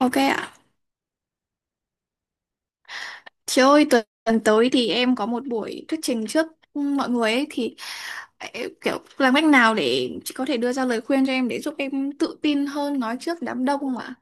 Ok ạ. Chị ơi, tuần tuần tới thì em có một buổi thuyết trình trước mọi người ấy thì em kiểu làm cách nào để chị có thể đưa ra lời khuyên cho em để giúp em tự tin hơn nói trước đám đông không ạ?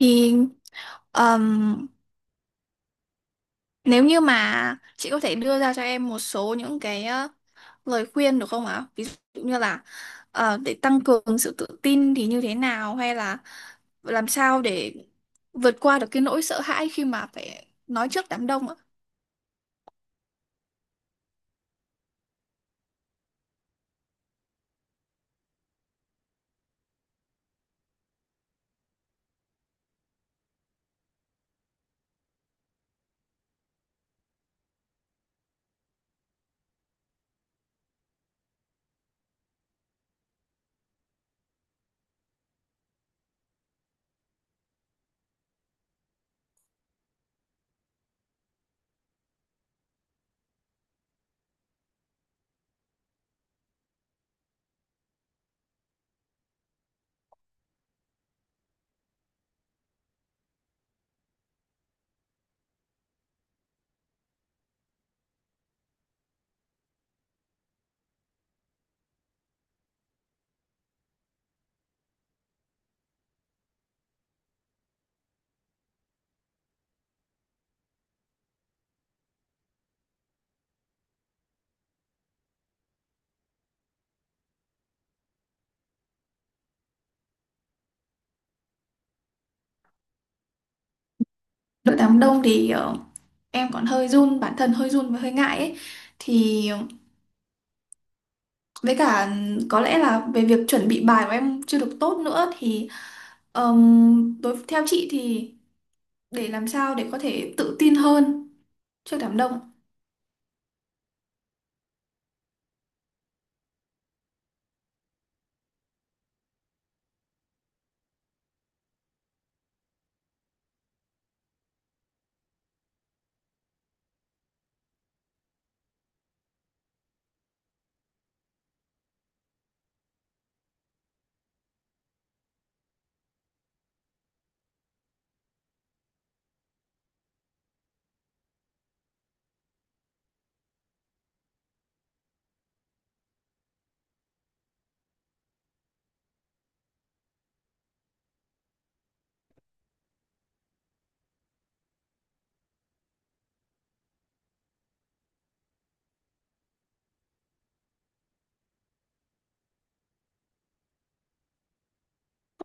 Thì ừm, nếu như mà chị có thể đưa ra cho em một số những cái lời khuyên được không ạ? Ví dụ như là để tăng cường sự tự tin thì như thế nào hay là làm sao để vượt qua được cái nỗi sợ hãi khi mà phải nói trước đám đông ạ? Trước đám đông thì em còn hơi run, bản thân hơi run và hơi ngại ấy, thì với cả có lẽ là về việc chuẩn bị bài của em chưa được tốt nữa thì đối theo chị thì để làm sao để có thể tự tin hơn trước đám đông.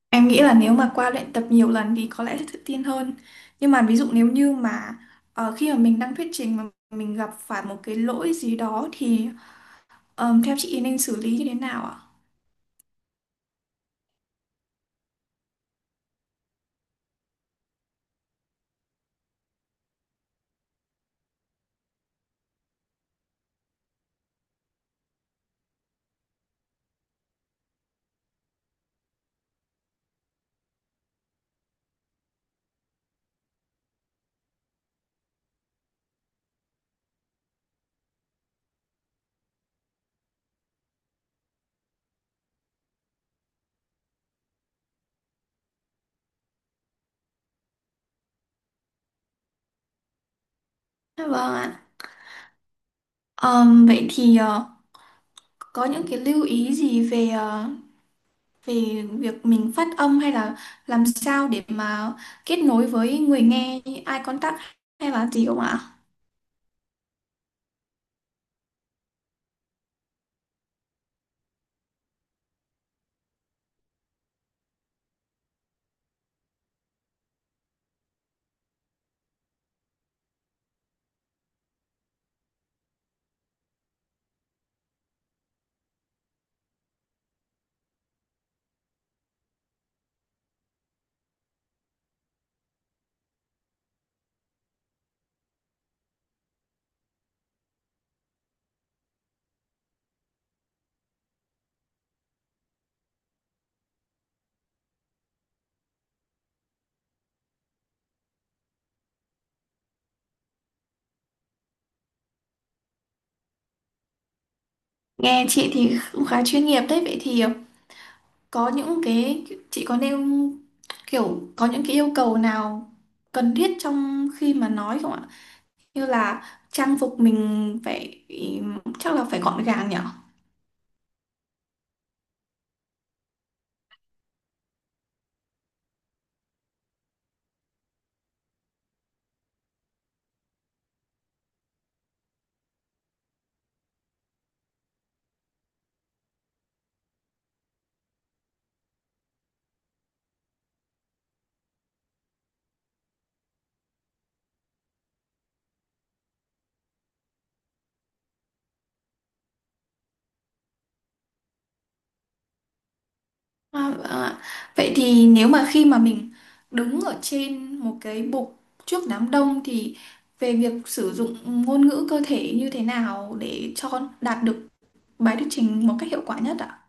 Em nghĩ là nếu mà qua luyện tập nhiều lần thì có lẽ sẽ tự tin hơn, nhưng mà ví dụ nếu như mà khi mà mình đang thuyết trình mà mình gặp phải một cái lỗi gì đó thì theo chị nên xử lý như thế nào ạ? Dạ vâng ạ. Vậy thì có những cái lưu ý gì về về việc mình phát âm hay là làm sao để mà kết nối với người nghe như eye contact hay là gì không ạ? Nghe chị thì cũng khá chuyên nghiệp đấy. Vậy thì có những cái chị có nêu kiểu có những cái yêu cầu nào cần thiết trong khi mà nói không ạ? Như là trang phục mình phải, chắc là phải gọn gàng nhỉ? À, vâng ạ. Vậy thì nếu mà khi mà mình đứng ở trên một cái bục trước đám đông thì về việc sử dụng ngôn ngữ cơ thể như thế nào để cho đạt được bài thuyết trình một cách hiệu quả nhất ạ?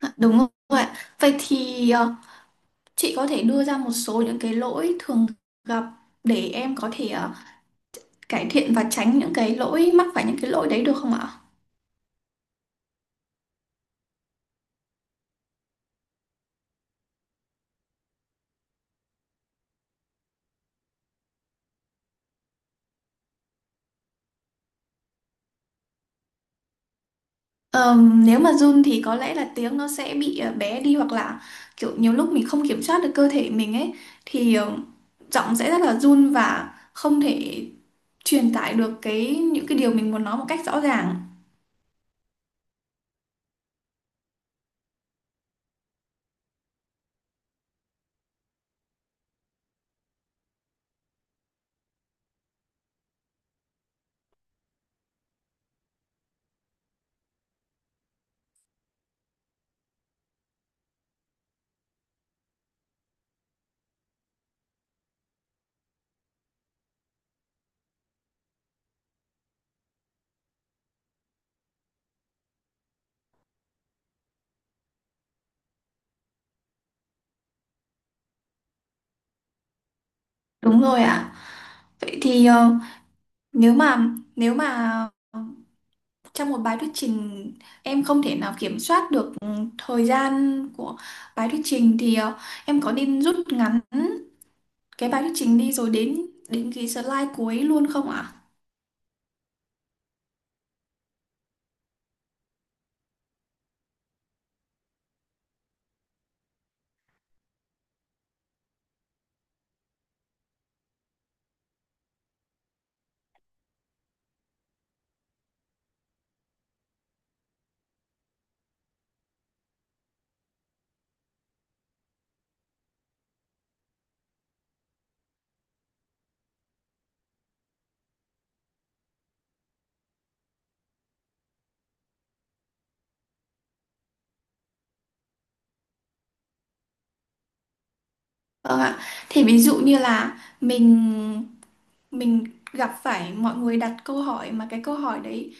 À, đúng rồi ạ. Vậy thì chị có thể đưa ra một số những cái lỗi thường gặp để em có thể cải thiện và tránh những cái lỗi, mắc phải những cái lỗi đấy được không ạ? Nếu mà run thì có lẽ là tiếng nó sẽ bị bé đi, hoặc là kiểu nhiều lúc mình không kiểm soát được cơ thể mình ấy thì giọng sẽ rất là run và không thể truyền tải được cái những cái điều mình muốn nói một cách rõ ràng. Đúng rồi ạ. Vậy thì nếu mà nếu mà ờ, trong một bài thuyết trình em không thể nào kiểm soát được thời gian của bài thuyết trình thì em có nên rút ngắn cái bài thuyết trình đi rồi đến đến cái slide cuối luôn không ạ? Vâng ạ. Thì ví dụ như là mình gặp phải mọi người đặt câu hỏi mà cái câu hỏi đấy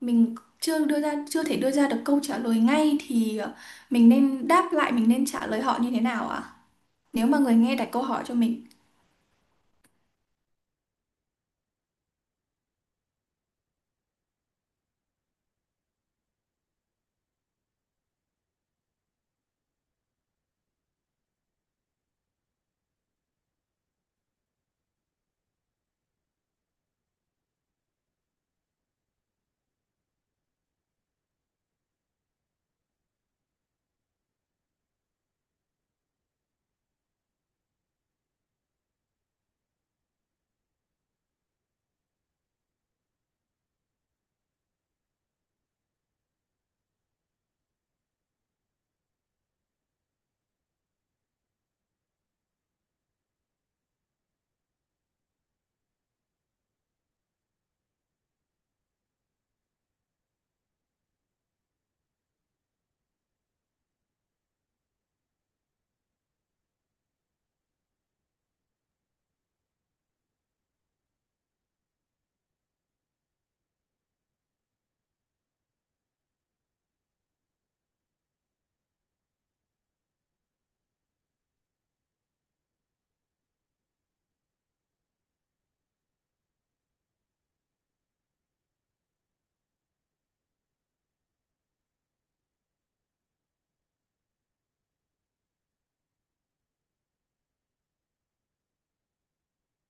mình chưa đưa ra, chưa thể đưa ra được câu trả lời ngay thì mình nên đáp lại, mình nên trả lời họ như thế nào ạ? Nếu mà người nghe đặt câu hỏi cho mình.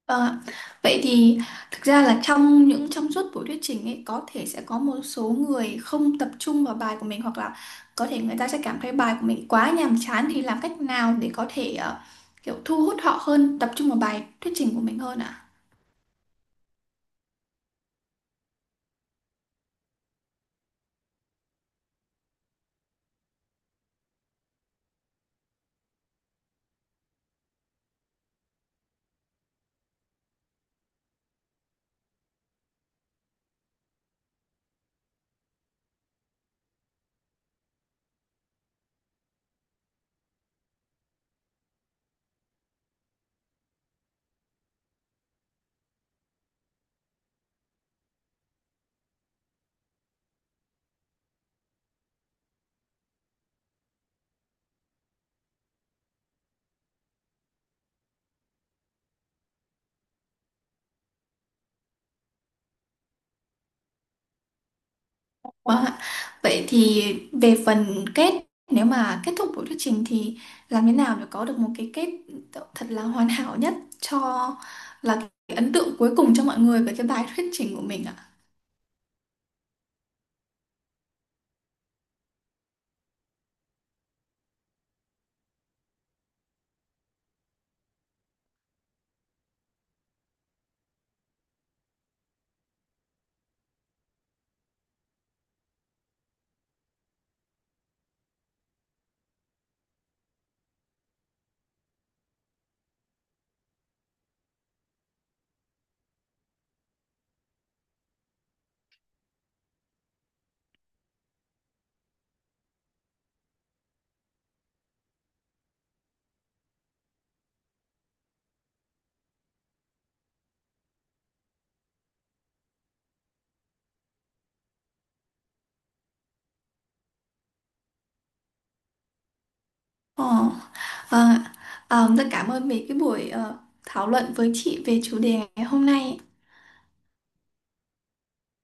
Vâng ạ. Vậy thì thực ra là trong những trong suốt buổi thuyết trình ấy có thể sẽ có một số người không tập trung vào bài của mình, hoặc là có thể người ta sẽ cảm thấy bài của mình quá nhàm chán, thì làm cách nào để có thể kiểu thu hút họ hơn, tập trung vào bài thuyết trình của mình hơn ạ? Vâng ạ. Vậy thì về phần kết, nếu mà kết thúc buổi thuyết trình thì làm thế nào để có được một cái kết thật là hoàn hảo nhất cho là cái ấn tượng cuối cùng cho mọi người về cái bài thuyết trình của mình ạ? Ồ, ờ, rất cảm ơn về cái buổi thảo luận với chị về chủ đề ngày hôm nay.